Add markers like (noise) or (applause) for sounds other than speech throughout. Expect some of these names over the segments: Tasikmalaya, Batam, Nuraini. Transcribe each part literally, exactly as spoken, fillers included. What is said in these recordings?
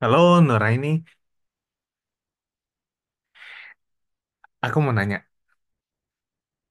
Halo Nuraini, aku mau nanya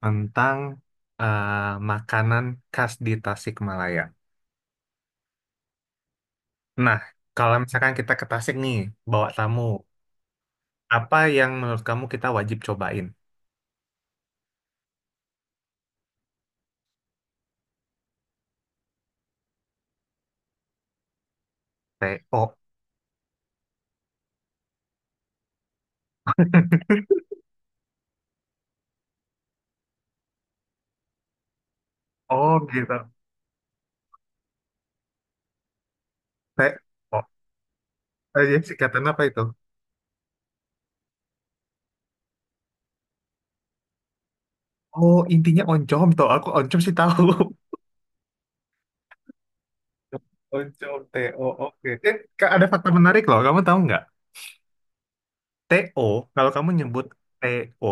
tentang eh, makanan khas di Tasikmalaya. Nah, kalau misalkan kita ke Tasik nih, bawa tamu, apa yang menurut kamu kita wajib cobain? T O. Oh gitu. T O. Eh, jadi singkatan apa itu? Oh, intinya oncom toh. Aku oncom sih tahu. (laughs) Oncom, T O, oke. Eh, ka- ada fakta menarik loh. Kamu tahu nggak? T O, kalau kamu nyebut T O,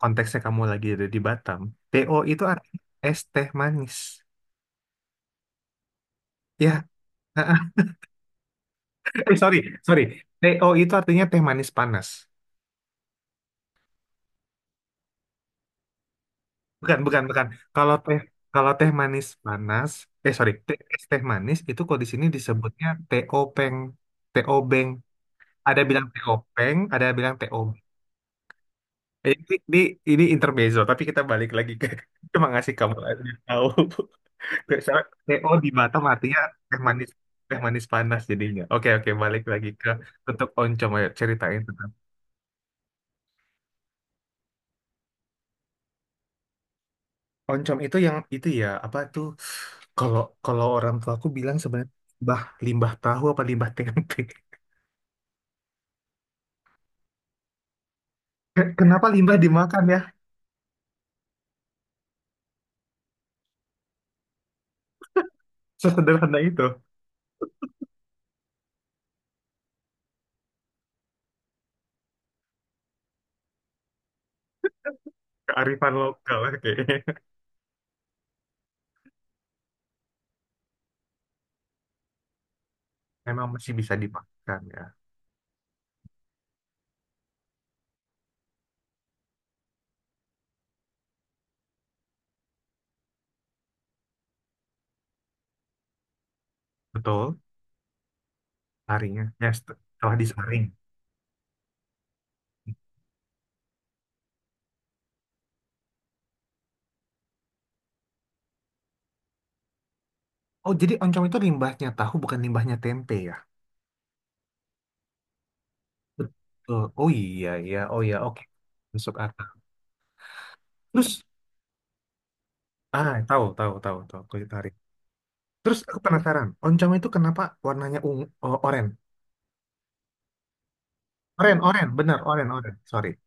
konteksnya kamu lagi ada di Batam, T O itu artinya es teh manis. Ya, (laughs) eh, sorry, sorry. T O itu artinya teh manis panas. Bukan, bukan, bukan. Kalau teh kalau teh manis panas, eh sorry, teh, es teh manis itu kalau di sini disebutnya T O Peng, T O Beng. Ada bilang TO Peng, ada bilang T O. Ini, ini, ini intermezzo, tapi kita balik lagi ke (laughs) cuma ngasih kamu aja tahu. Misalnya P O di Batam artinya teh manis teh manis panas jadinya. Oke oke balik lagi ke tutuk oncom ayo ceritain tentang oncom itu yang itu ya apa tuh kalau kalau orang tua aku bilang sebenarnya limbah limbah tahu apa limbah tempe. Ke- Kenapa limbah dimakan ya? Sesederhana itu kearifan lokal oke. Memang masih bisa dimakan ya. Betul. Harinya ya setelah disaring. Oh jadi oncom itu limbahnya tahu bukan limbahnya tempe ya? Betul. Oh iya, iya. Oh iya, oke. Masuk akal. Terus, ah, tahu, tahu, tahu, tahu. Kulit tarik. Terus aku penasaran, oncom itu kenapa warnanya ungu, oh, oren? Oren, oren, benar, oren, oren. Sorry.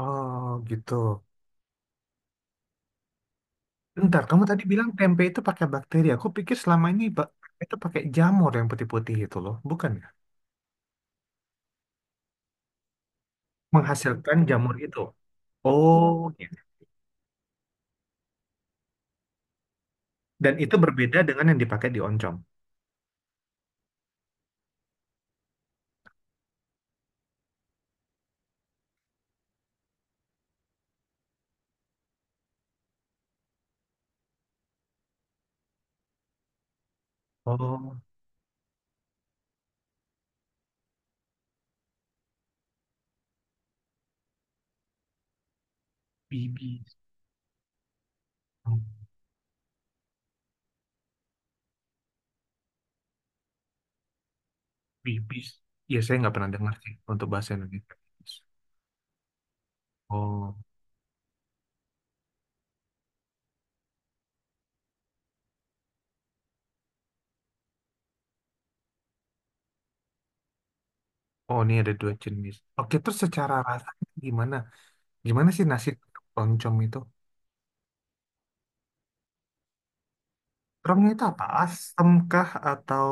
Oh, gitu. Bentar, kamu tadi bilang tempe itu pakai bakteri. Aku pikir selama ini bak- itu pakai jamur yang putih-putih itu loh, bukan ya? Menghasilkan jamur itu. Oh, gitu. Dan itu berbeda dengan yang dipakai di oncom. Oh, bibis. Bibis. Ya, saya nggak pernah dengar sih untuk bahasa Indonesia. Bibis. Oh, oh ini ada dua jenis. Oke, terus secara rasa gimana? Gimana sih nasi oncom itu? Terongnya itu apa? Asam kah atau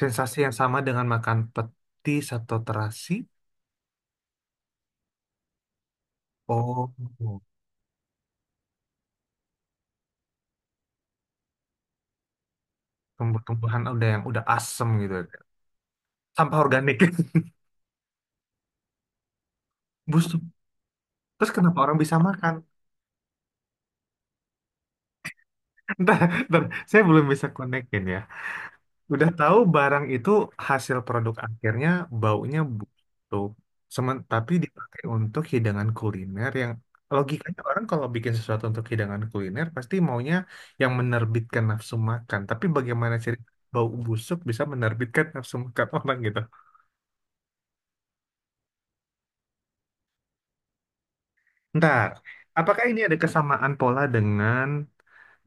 sensasi yang sama dengan makan petis atau terasi? Oh, tumbuh-tumbuhan udah yang udah asem gitu. Sampah organik. (laughs) Busuk. Terus kenapa orang bisa makan? (laughs) Ntar, ntar, saya belum bisa konekin ya. Udah tahu barang itu hasil produk akhirnya baunya busuk. Semen, tapi dipakai untuk hidangan kuliner yang logikanya orang kalau bikin sesuatu untuk hidangan kuliner pasti maunya yang menerbitkan nafsu makan. Tapi bagaimana cerita bau busuk bisa menerbitkan nafsu makan (laughs) orang gitu? Ntar, apakah ini ada kesamaan pola dengan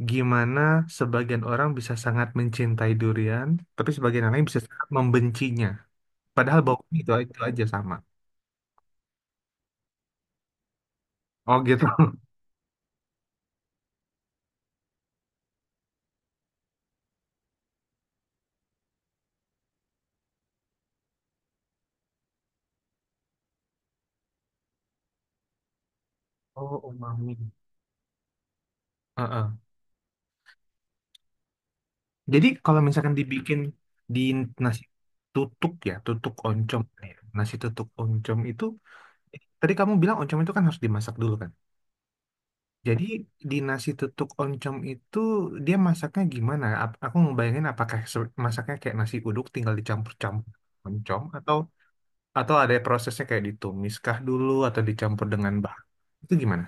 gimana sebagian orang bisa sangat mencintai durian, tapi sebagian orang lain bisa sangat membencinya? Padahal baunya itu, itu aja sama. Oh gitu. (laughs) Oh, umami. Heeh. Jadi kalau misalkan dibikin di nasi tutuk ya, tutuk oncom, ya, nasi tutuk oncom itu, tadi kamu bilang oncom itu kan harus dimasak dulu kan? Jadi di nasi tutuk oncom itu dia masaknya gimana? Ap- Aku ngebayangin apakah se- masaknya kayak nasi uduk tinggal dicampur-campur oncom atau atau ada prosesnya kayak ditumis kah dulu atau dicampur dengan bahan itu gimana?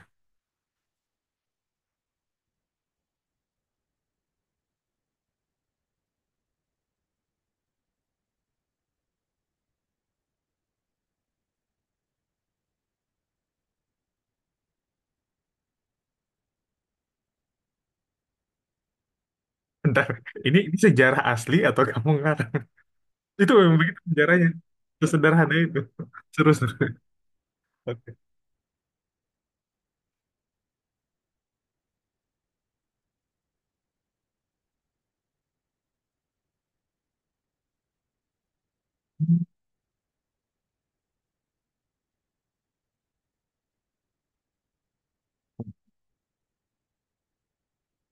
Bentar, ini, ini sejarah asli atau kamu ngarang? Itu memang begitu sejarahnya. Sesederhana itu. (laughs) Seru, seru. Oke.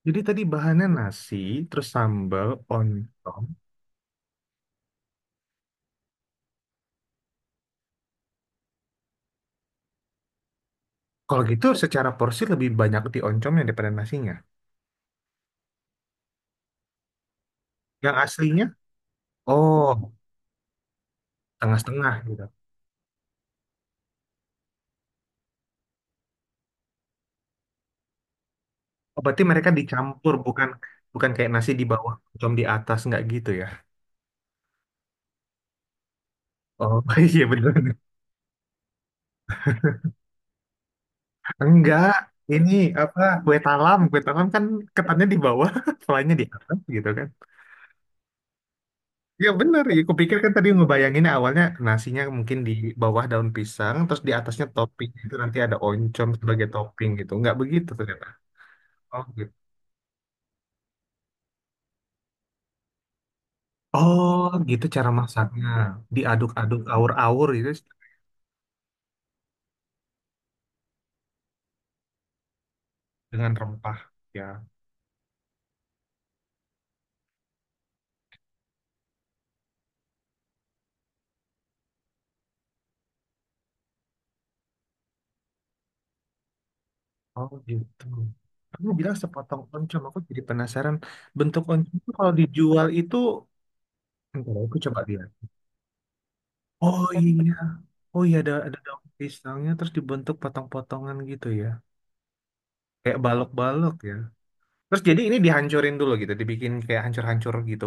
Jadi tadi bahannya nasi, terus sambal, oncom. Kalau gitu secara porsi lebih banyak di oncomnya daripada nasinya. Yang aslinya, oh, tengah-setengah gitu. Oh, berarti mereka dicampur, bukan bukan kayak nasi di bawah, oncom di atas, nggak gitu ya? Oh, (laughs) iya bener. Enggak, ini apa, kue talam. Kue talam kan ketannya di bawah, (laughs) selainya di atas gitu kan. Ya bener, ya kupikir kan tadi ngebayangin awalnya nasinya mungkin di bawah daun pisang, terus di atasnya topping itu nanti ada oncom sebagai topping gitu. Nggak begitu ternyata. Oh gitu. Oh gitu cara masaknya. Diaduk-aduk awur-awur itu dengan rempah ya. Oh gitu. Kamu bilang sepotong oncom, aku jadi penasaran bentuk oncom itu kalau dijual itu. Entar, aku coba lihat. Oh iya, oh iya ada ada daun pisangnya terus dibentuk potong-potongan gitu ya, kayak balok-balok ya. Terus jadi ini dihancurin dulu gitu, dibikin kayak hancur-hancur gitu,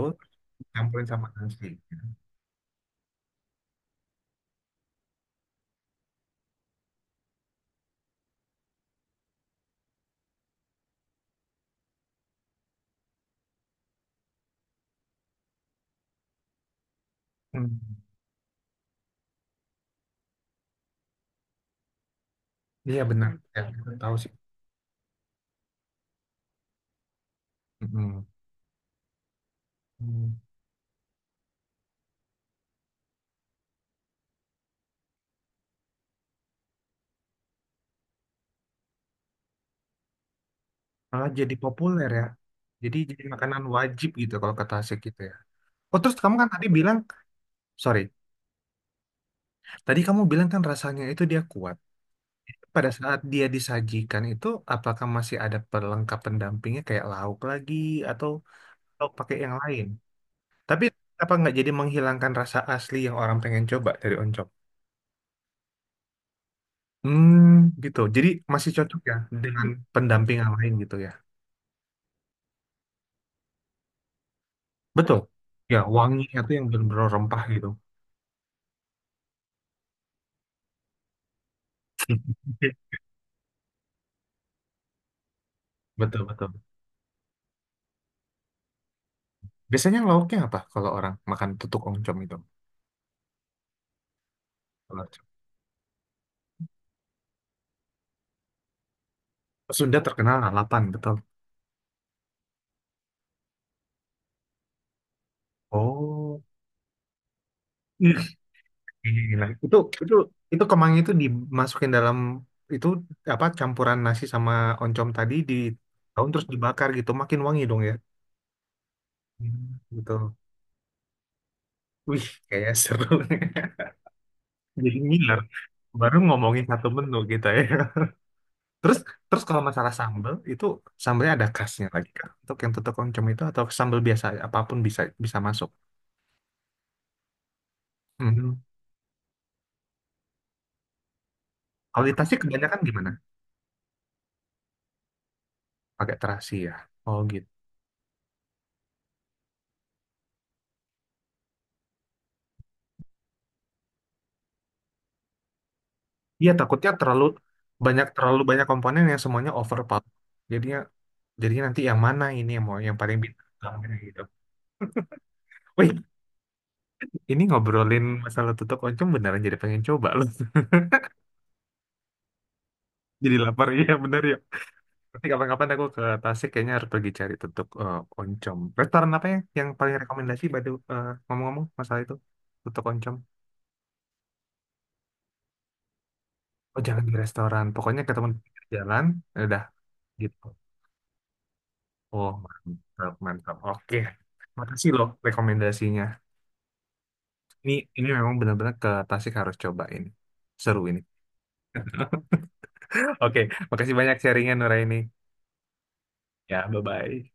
campurin sama nasi. Hmm. Iya benar, ya, aku tahu sih. Mm-mm. Hmm. Malah jadi populer ya. Jadi jadi makanan wajib gitu kalau ke Tasik gitu ya. Oh terus kamu kan tadi bilang, sorry, tadi kamu bilang kan rasanya itu dia kuat. Pada saat dia disajikan itu, apakah masih ada pelengkap pendampingnya kayak lauk lagi atau atau pakai yang lain? Tapi apa nggak jadi menghilangkan rasa asli yang orang pengen coba dari oncom? Hmm, gitu. Jadi masih cocok ya dengan pendamping yang lain gitu ya. Betul. Ya, wangi itu yang benar-benar rempah gitu. Oke. Betul, betul. Biasanya lauknya apa kalau orang makan tutuk oncom itu? Kalau oncom. Sunda terkenal lalapan, betul. Oh, Ih, gila. Itu itu itu kemangi itu dimasukin dalam itu apa campuran nasi sama oncom tadi di daun terus dibakar gitu, makin wangi dong ya. Hmm, betul. Wih, kayak seru. (laughs) Jadi ngiler. Baru ngomongin satu menu gitu ya. (laughs) Terus terus kalau masalah sambel itu sambelnya ada khasnya lagi kan? Untuk yang tutuk oncom itu atau sambel biasa apapun bisa bisa masuk. Mhm. Kalau di Tasik kebanyakan gimana? Pakai terasi ya. Oh gitu. Iya takutnya terlalu banyak terlalu banyak komponen yang semuanya overpower. Jadinya jadinya nanti yang mana ini yang mau yang paling bintang tamunya gitu. Wih, ini ngobrolin masalah tutuk oncom beneran jadi pengen coba loh. (laughs) Jadi lapar iya bener ya. Nanti kapan-kapan aku ke Tasik kayaknya harus pergi cari tutup eh, oncom. Restoran apa ya yang paling rekomendasi Badu eh, ngomong-ngomong masalah itu tutup oncom. Oh jangan di restoran, pokoknya ketemu di pinggir jalan, ya udah gitu. Oh mantap mantap. Oke, makasih loh rekomendasinya. Ini ini memang benar-benar ke Tasik harus cobain. Seru ini. (laughs) Oke, makasih banyak sharingnya Nuraini. Ya, bye-bye.